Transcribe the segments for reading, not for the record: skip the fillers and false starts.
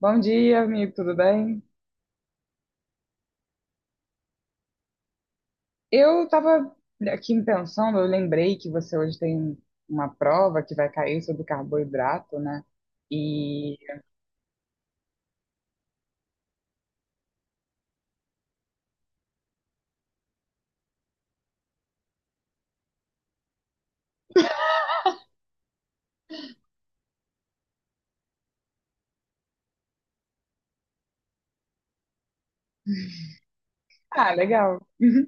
Bom dia, amigo, tudo bem? Eu estava aqui pensando, eu lembrei que você hoje tem uma prova que vai cair sobre carboidrato, né? E. Ah, legal.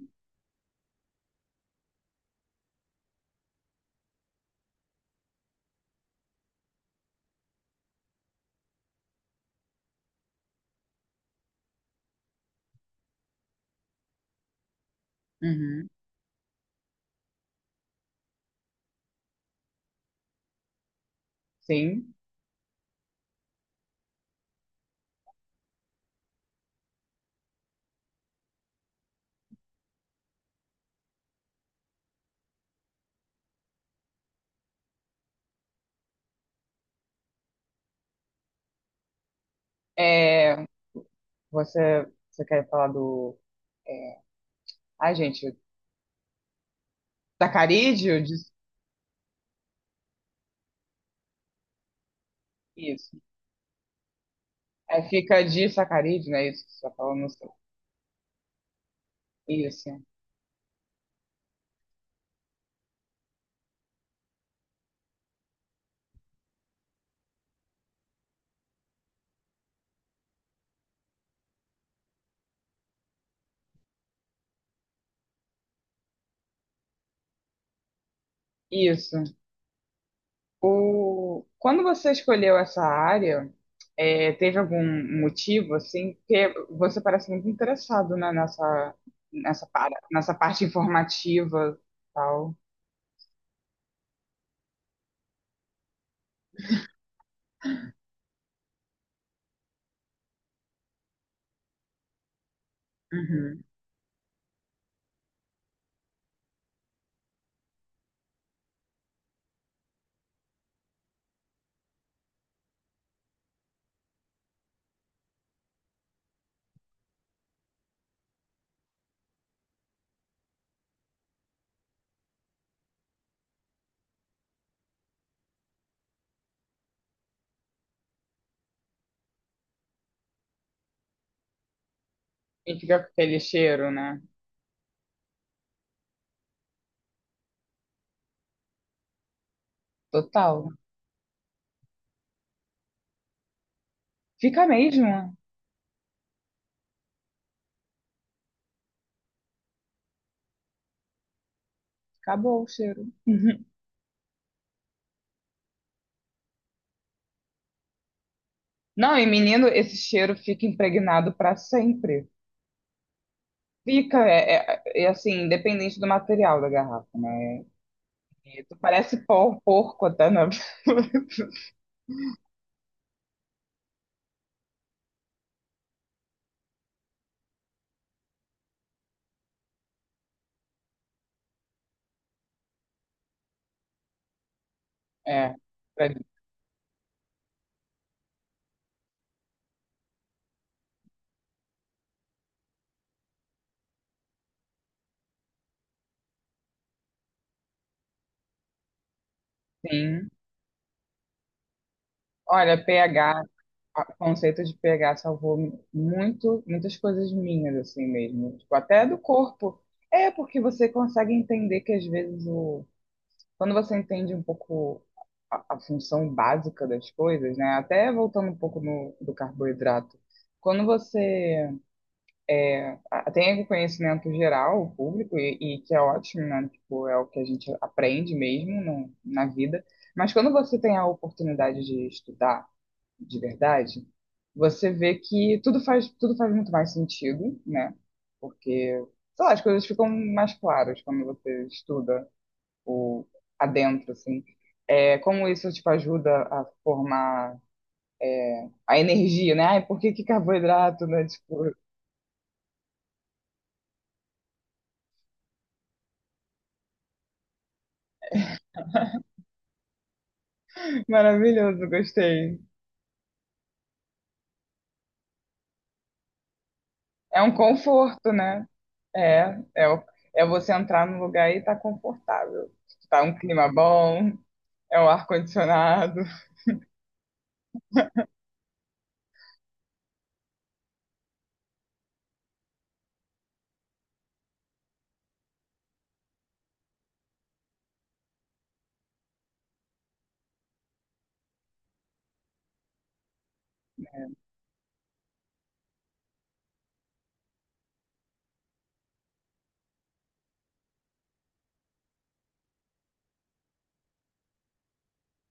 Uhum, sim. É, você quer falar do. é, Ai, gente, sacarídeo? Dis- Isso. É, fica disacarídeo, não é isso que você está falando? Isso. Isso. O... Quando você escolheu essa área, teve algum motivo, assim, porque você parece muito interessado, né, nessa parte informativa e tal. Uhum. E fica com aquele cheiro, né? Total. Fica mesmo. Acabou o cheiro. Uhum. Não, e menino, esse cheiro fica impregnado para sempre. Fica, é assim, independente do material da garrafa, né? E tu parece pó, porco até, na É, Sim. Olha, pH, o conceito de pH salvou muito, muitas coisas minhas, assim mesmo. Tipo, até do corpo. É, porque você consegue entender que às vezes o. Quando você entende um pouco a função básica das coisas, né? Até voltando um pouco no, do carboidrato. Quando você tem o conhecimento geral, o público, e que é ótimo, né? Tipo, é o que a gente aprende mesmo no, na vida. Mas quando você tem a oportunidade de estudar, de verdade, você vê que tudo faz muito mais sentido, né? Porque, sei lá, as coisas ficam mais claras quando você estuda o adentro, assim. É, como isso, tipo, ajuda a formar a energia, né? Ai, por que que carboidrato, né? Tipo, maravilhoso, gostei. É um conforto, né? É, é, o- é você entrar num lugar e tá confortável. Tá um clima bom, é o ar-condicionado.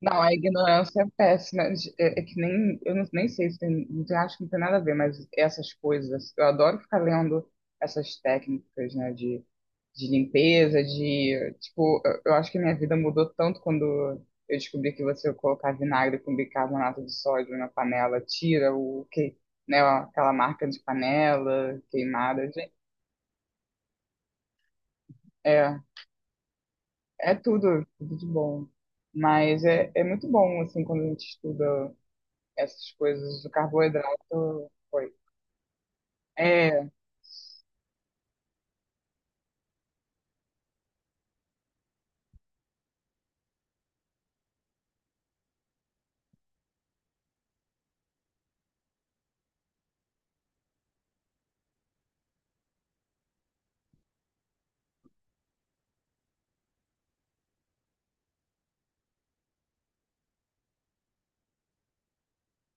Não, a ignorância é péssima. É, é que nem, eu não- nem sei se tem, acho que não tem nada a ver, mas essas coisas, eu adoro ficar lendo essas técnicas, né, de limpeza, de, tipo, eu acho que a minha vida mudou tanto quando eu descobri que você colocar vinagre com bicarbonato de sódio na panela, tira o que, né, aquela marca de panela queimada, de- é, é, tudo, tudo de bom. Mas é, é muito bom, assim, quando a gente estuda essas coisas do carboidrato foi. É,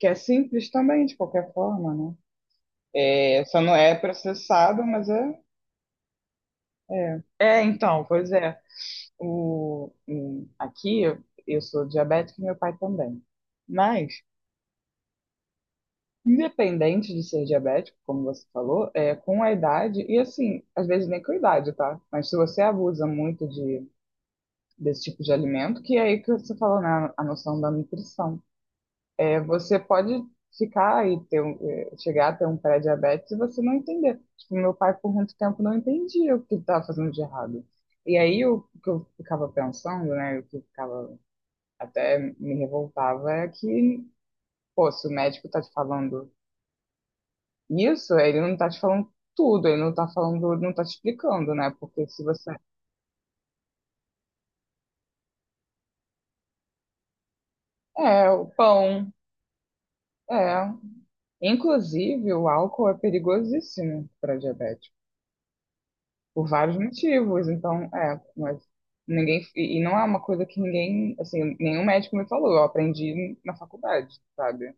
que é simples também, de qualquer forma, né? É, só não é processado, mas é, é. É, então, pois é. Aqui eu sou diabética e meu pai também. Mas, independente de ser diabético, como você falou, é, com a idade, e assim, às vezes nem com a idade, tá? Mas se você abusa muito de, desse tipo de alimento, que é aí que você falou, né, a noção da nutrição. É, você pode ficar e ter, um- eh, chegar a ter um pré-diabetes e você não entender. Tipo, meu pai por muito tempo não entendia o que estava fazendo de errado. E aí o que eu ficava pensando, né, o que eu ficava até me revoltava é que, pô, se o médico tá te falando isso, ele não tá te falando tudo, ele não tá falando, não tá te explicando, né? Porque se você é o pão, é, inclusive o álcool é perigosíssimo para diabético. Por vários motivos. Então, é, mas ninguém. E não é uma coisa que ninguém. Assim, nenhum médico me falou. Eu aprendi na faculdade, sabe?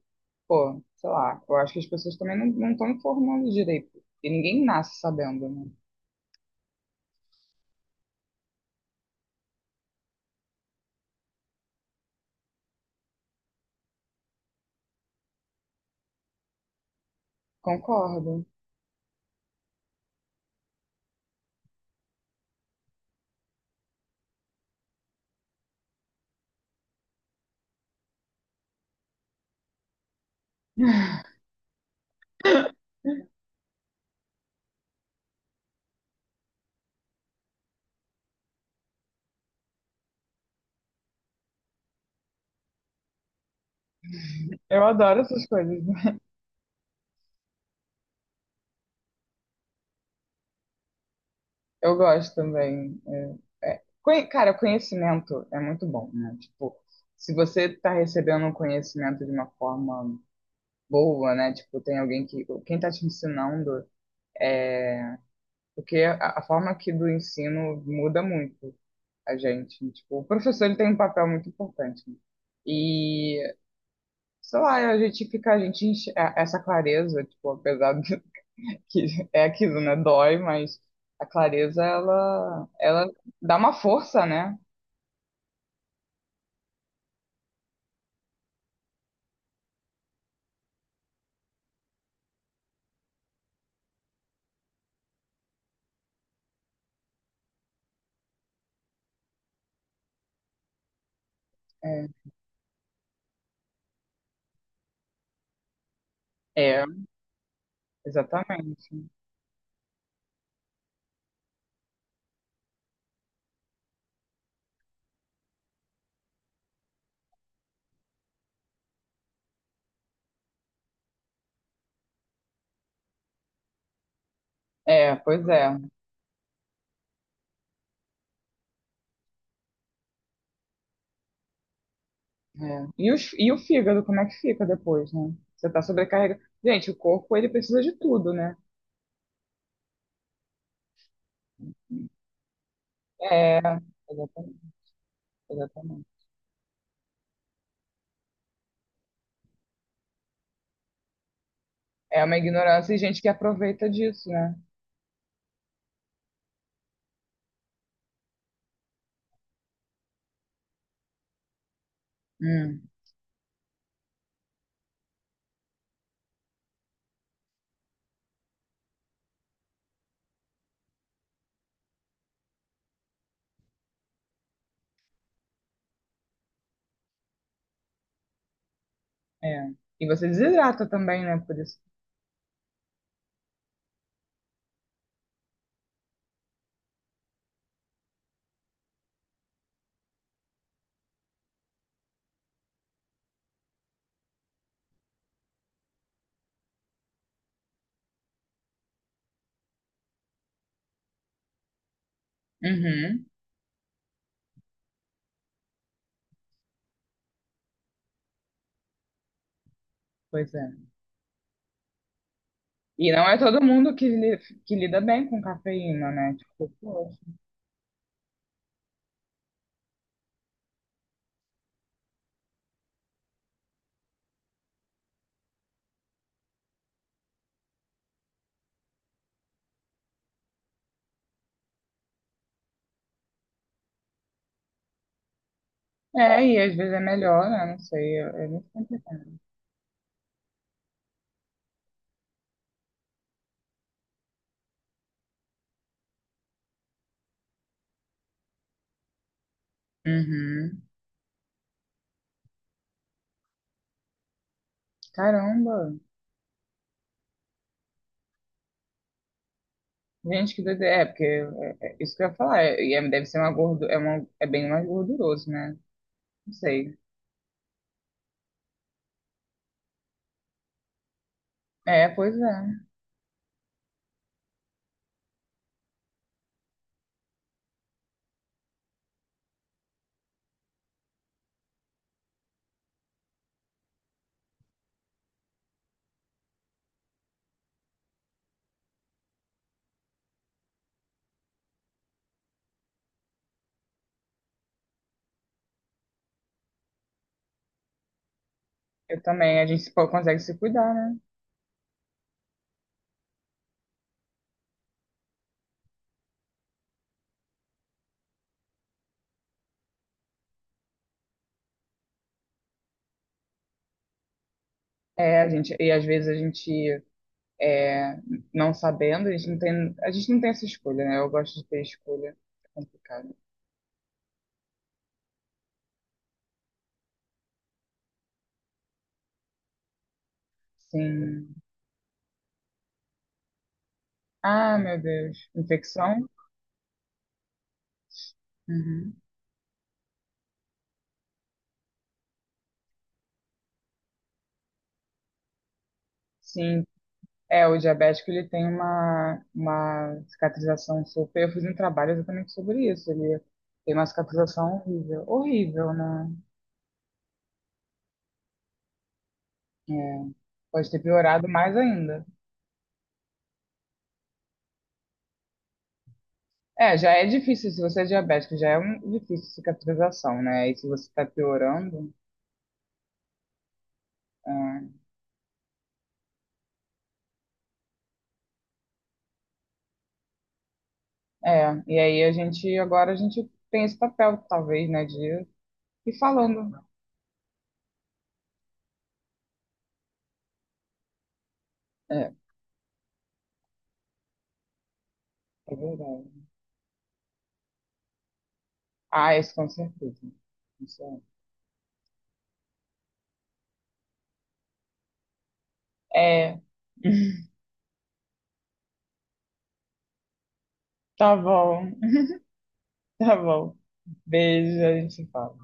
Pô, sei lá. Eu acho que as pessoas também não estão informando direito. E ninguém nasce sabendo, né? Concordo. Eu adoro essas coisas. Eu gosto também. É, é. Conhe- Cara, conhecimento é muito bom, né? Tipo, se você tá recebendo um conhecimento de uma forma boa, né? Tipo, tem alguém que. Quem tá te ensinando. é, Porque a forma aqui do ensino muda muito a gente. Tipo, o professor ele tem um papel muito importante. Né? E, sei lá, a gente essa clareza, tipo, apesar de que é aquilo, né? Dói, mas a clareza, ela dá uma força, né? É, é, exatamente. É, pois é. É. E, os, e o fígado, como é que fica depois, né? Você tá sobrecarregado. Gente, o corpo, ele precisa de tudo, né? É, exatamente. Exatamente. É uma ignorância e gente que aproveita disso, né? Hum, é. E você desidrata também, né? Por isso. Uhum, pois é. E não é todo mundo que, que lida bem com cafeína, né? Tipo, poxa. É, e às vezes é melhor, né? Não sei, é, é muito complicado. Uhum. Caramba. Gente, que doideira. É, porque é, é isso que eu ia falar. Deve ser uma gordo, é, uma, é bem mais gorduroso, né? Não sei. É, pois é. Eu também. A gente se- consegue se cuidar, né? É, a gente, e às vezes a gente é, não sabendo, a gente não tem essa escolha, né? Eu gosto de ter escolha, é complicado. Sim. Ah, meu Deus. Infecção? Uhum. Sim. É, o diabético ele tem uma cicatrização super. Eu fiz um trabalho exatamente sobre isso. Ele tem uma cicatrização horrível. Horrível, né? É, pode ter piorado mais ainda. É, já é difícil, se você é diabético, já é um, difícil cicatrização, né? E se você está piorando. É. É, e aí a gente, agora a gente tem esse papel, talvez, né, de ir falando. É, é verdade. Ah, isso com certeza. Isso é. É, tá bom, tá bom. Beijo, a gente se fala.